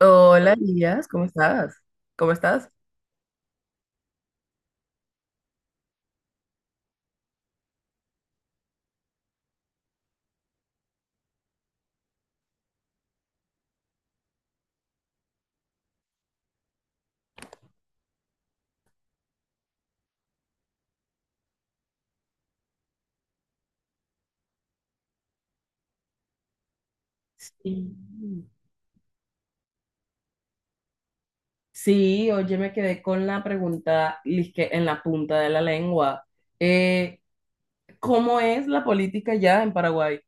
Hola, Díaz, ¿cómo estás? ¿Cómo estás? Sí, sí, oye, me quedé con la pregunta lisque, en la punta de la lengua. Eh, ¿Cómo es la política ya en Paraguay?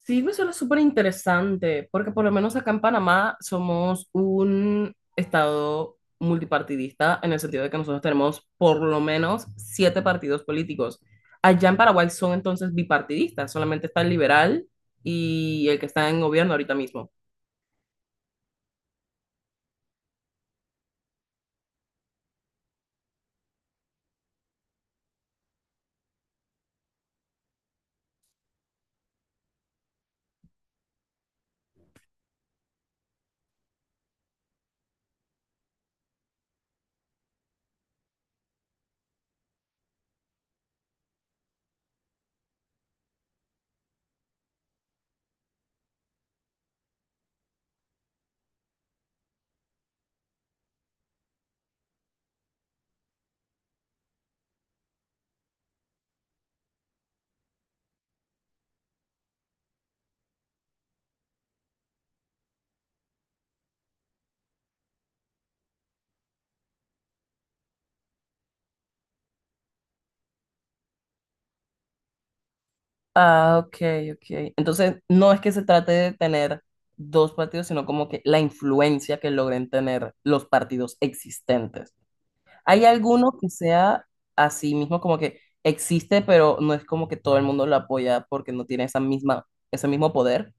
Sí, me suena súper interesante, porque por lo menos acá en Panamá somos un estado multipartidista, en el sentido de que nosotros tenemos por lo menos siete partidos políticos. Allá en Paraguay son entonces bipartidistas, solamente está el liberal y el que está en gobierno ahorita mismo. Ah, ok, ok. Entonces, no es que se trate de tener dos partidos, sino como que la influencia que logren tener los partidos existentes. ¿Hay alguno que sea así mismo como que existe, pero no es como que todo el mundo lo apoya porque no tiene esa misma, ese mismo poder?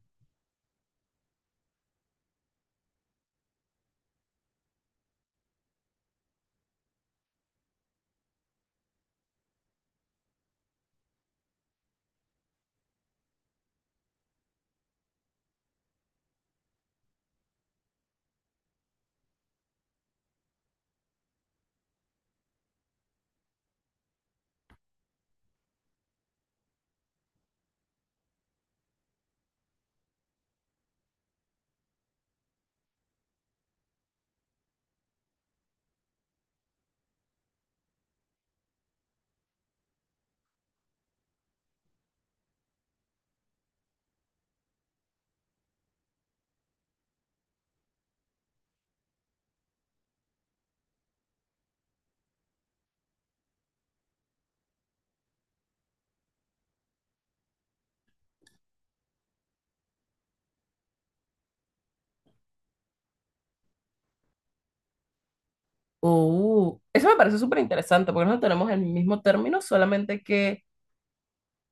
Oh, eso me parece súper interesante porque no tenemos el mismo término, solamente que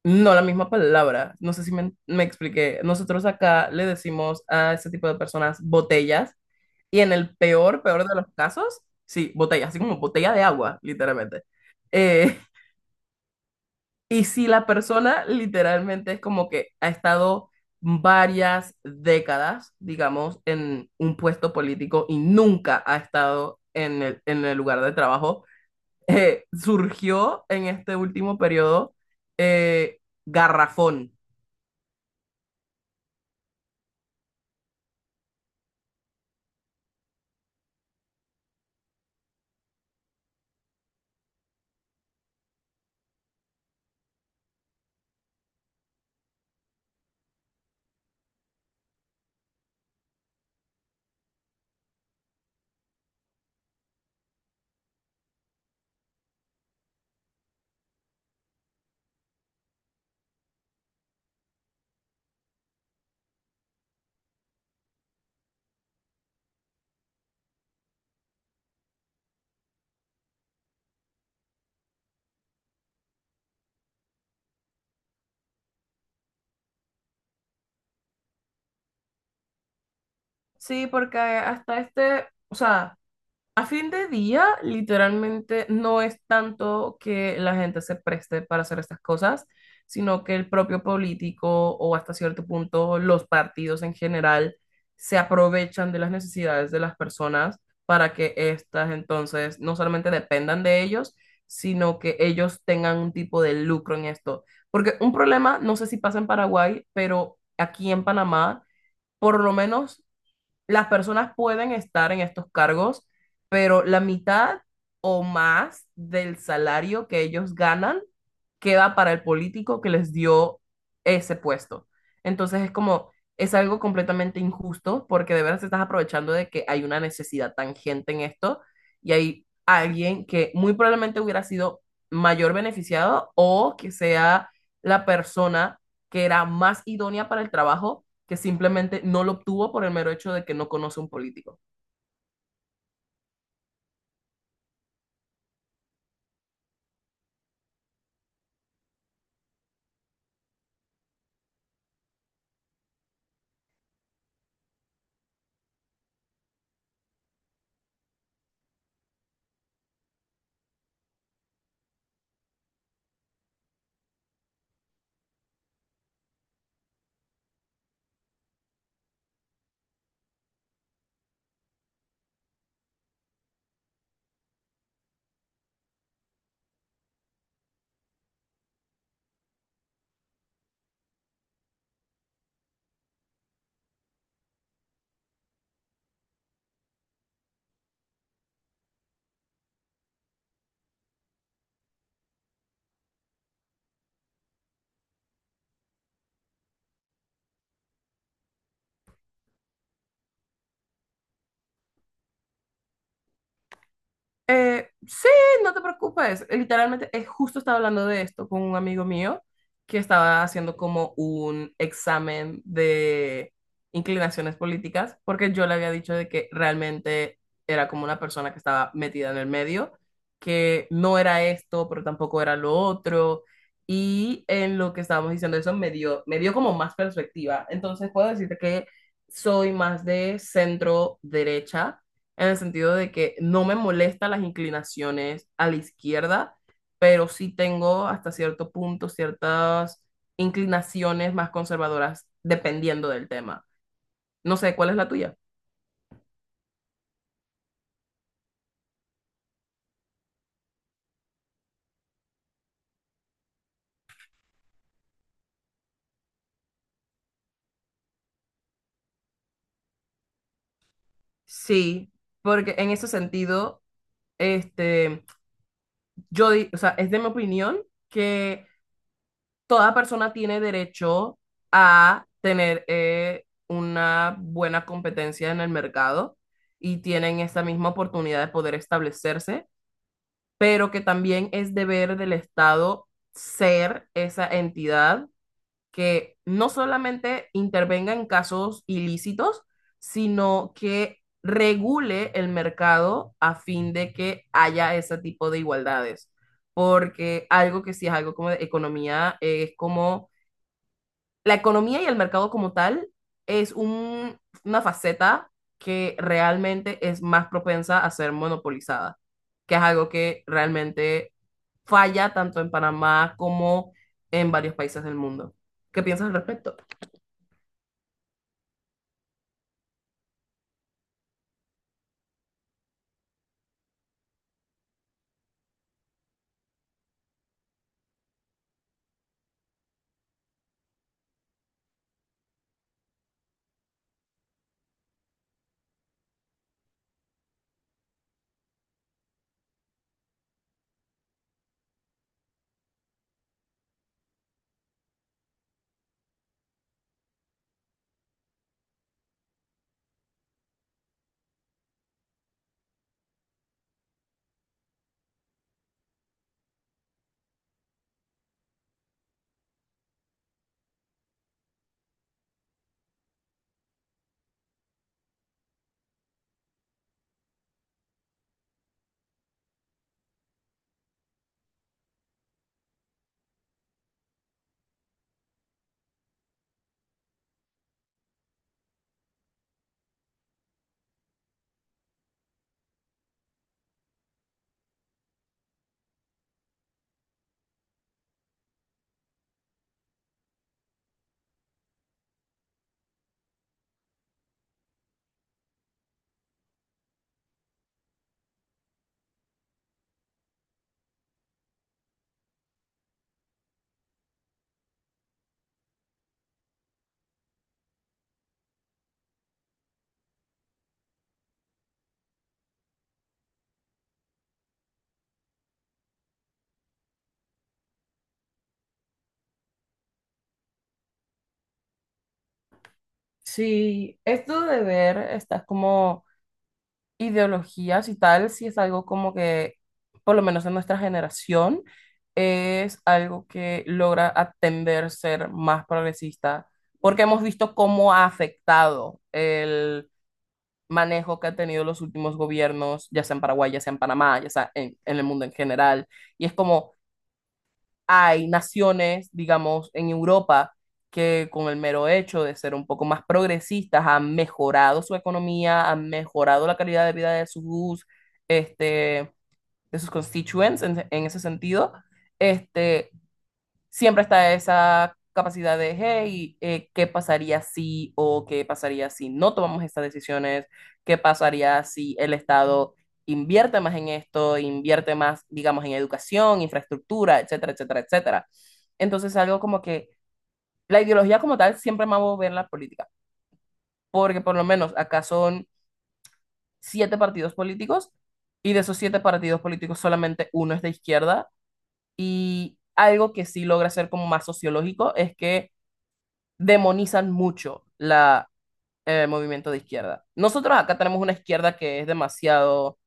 no la misma palabra. No sé si me expliqué. Nosotros acá le decimos a ese tipo de personas botellas y en el peor, peor de los casos, sí, botellas, así como botella de agua, literalmente. Eh, y si la persona literalmente es como que ha estado varias décadas, digamos, en un puesto político y nunca ha estado en el lugar de trabajo surgió en este último periodo eh, Garrafón. Sí, porque hasta o sea, a fin de día, literalmente no es tanto que la gente se preste para hacer estas cosas, sino que el propio político o hasta cierto punto los partidos en general se aprovechan de las necesidades de las personas para que éstas entonces no solamente dependan de ellos, sino que ellos tengan un tipo de lucro en esto. Porque un problema, no sé si pasa en Paraguay, pero aquí en Panamá, por lo menos las personas pueden estar en estos cargos, pero la mitad o más del salario que ellos ganan queda para el político que les dio ese puesto. Entonces es como, es algo completamente injusto porque de verdad te estás aprovechando de que hay una necesidad tangente en esto y hay alguien que muy probablemente hubiera sido mayor beneficiado o que sea la persona que era más idónea para el trabajo que simplemente no lo obtuvo por el mero hecho de que no conoce un político. Sí, no te preocupes. Literalmente, justo estaba hablando de esto con un amigo mío que estaba haciendo como un examen de inclinaciones políticas, porque yo le había dicho de que realmente era como una persona que estaba metida en el medio, que no era esto, pero tampoco era lo otro. Y en lo que estábamos diciendo eso me dio como más perspectiva. Entonces puedo decirte que soy más de centro derecha en el sentido de que no me molesta las inclinaciones a la izquierda, pero sí tengo hasta cierto punto ciertas inclinaciones más conservadoras dependiendo del tema. No sé, ¿cuál es la tuya? Sí, porque en ese sentido, este, yo, o sea, es de mi opinión que toda persona tiene derecho a tener una buena competencia en el mercado y tienen esa misma oportunidad de poder establecerse, pero que también es deber del Estado ser esa entidad que no solamente intervenga en casos ilícitos, sino que regule el mercado a fin de que haya ese tipo de igualdades. Porque algo que sí es algo como de economía es como la economía y el mercado como tal es una faceta que realmente es más propensa a ser monopolizada, que es algo que realmente falla tanto en Panamá como en varios países del mundo. ¿Qué piensas al respecto? Sí, esto de ver, estás como ideologías y tal, si es algo como que, por lo menos en nuestra generación, es algo que logra atender ser más progresista, porque hemos visto cómo ha afectado el manejo que han tenido los últimos gobiernos, ya sea en Paraguay, ya sea en Panamá, ya sea en, el mundo en general, y es como hay naciones, digamos, en Europa que con el mero hecho de ser un poco más progresistas han mejorado su economía, han mejorado la calidad de vida de sus, este, de sus constituents en ese sentido. Este, siempre está esa capacidad de, hey, ¿qué pasaría si o qué pasaría si no tomamos estas decisiones? ¿Qué pasaría si el Estado invierte más en esto, invierte más, digamos, en educación, infraestructura, etcétera, etcétera, etcétera? Entonces, algo como que la ideología como tal siempre me va a mover la política, porque por lo menos acá son siete partidos políticos y de esos siete partidos políticos solamente uno es de izquierda y algo que sí logra ser como más sociológico es que demonizan mucho la, el movimiento de izquierda. Nosotros acá tenemos una izquierda que es demasiado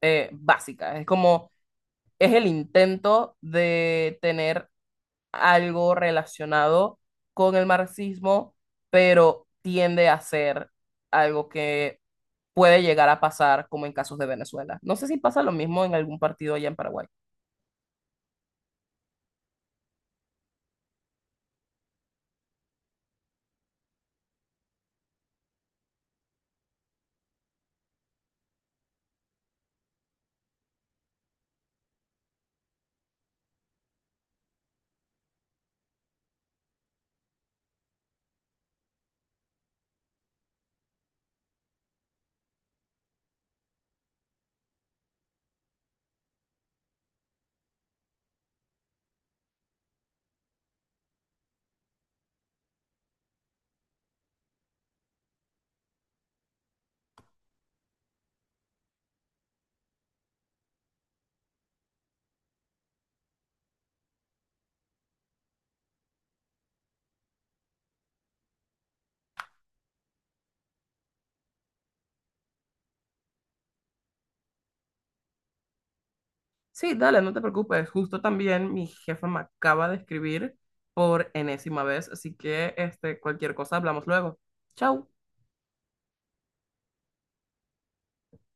básica, es como, es el intento de tener algo relacionado con el marxismo, pero tiende a ser algo que puede llegar a pasar como en casos de Venezuela. No sé si pasa lo mismo en algún partido allá en Paraguay. Sí, dale, no te preocupes. Justo también mi jefa me acaba de escribir por enésima vez, así que este, cualquier cosa hablamos luego. Chao.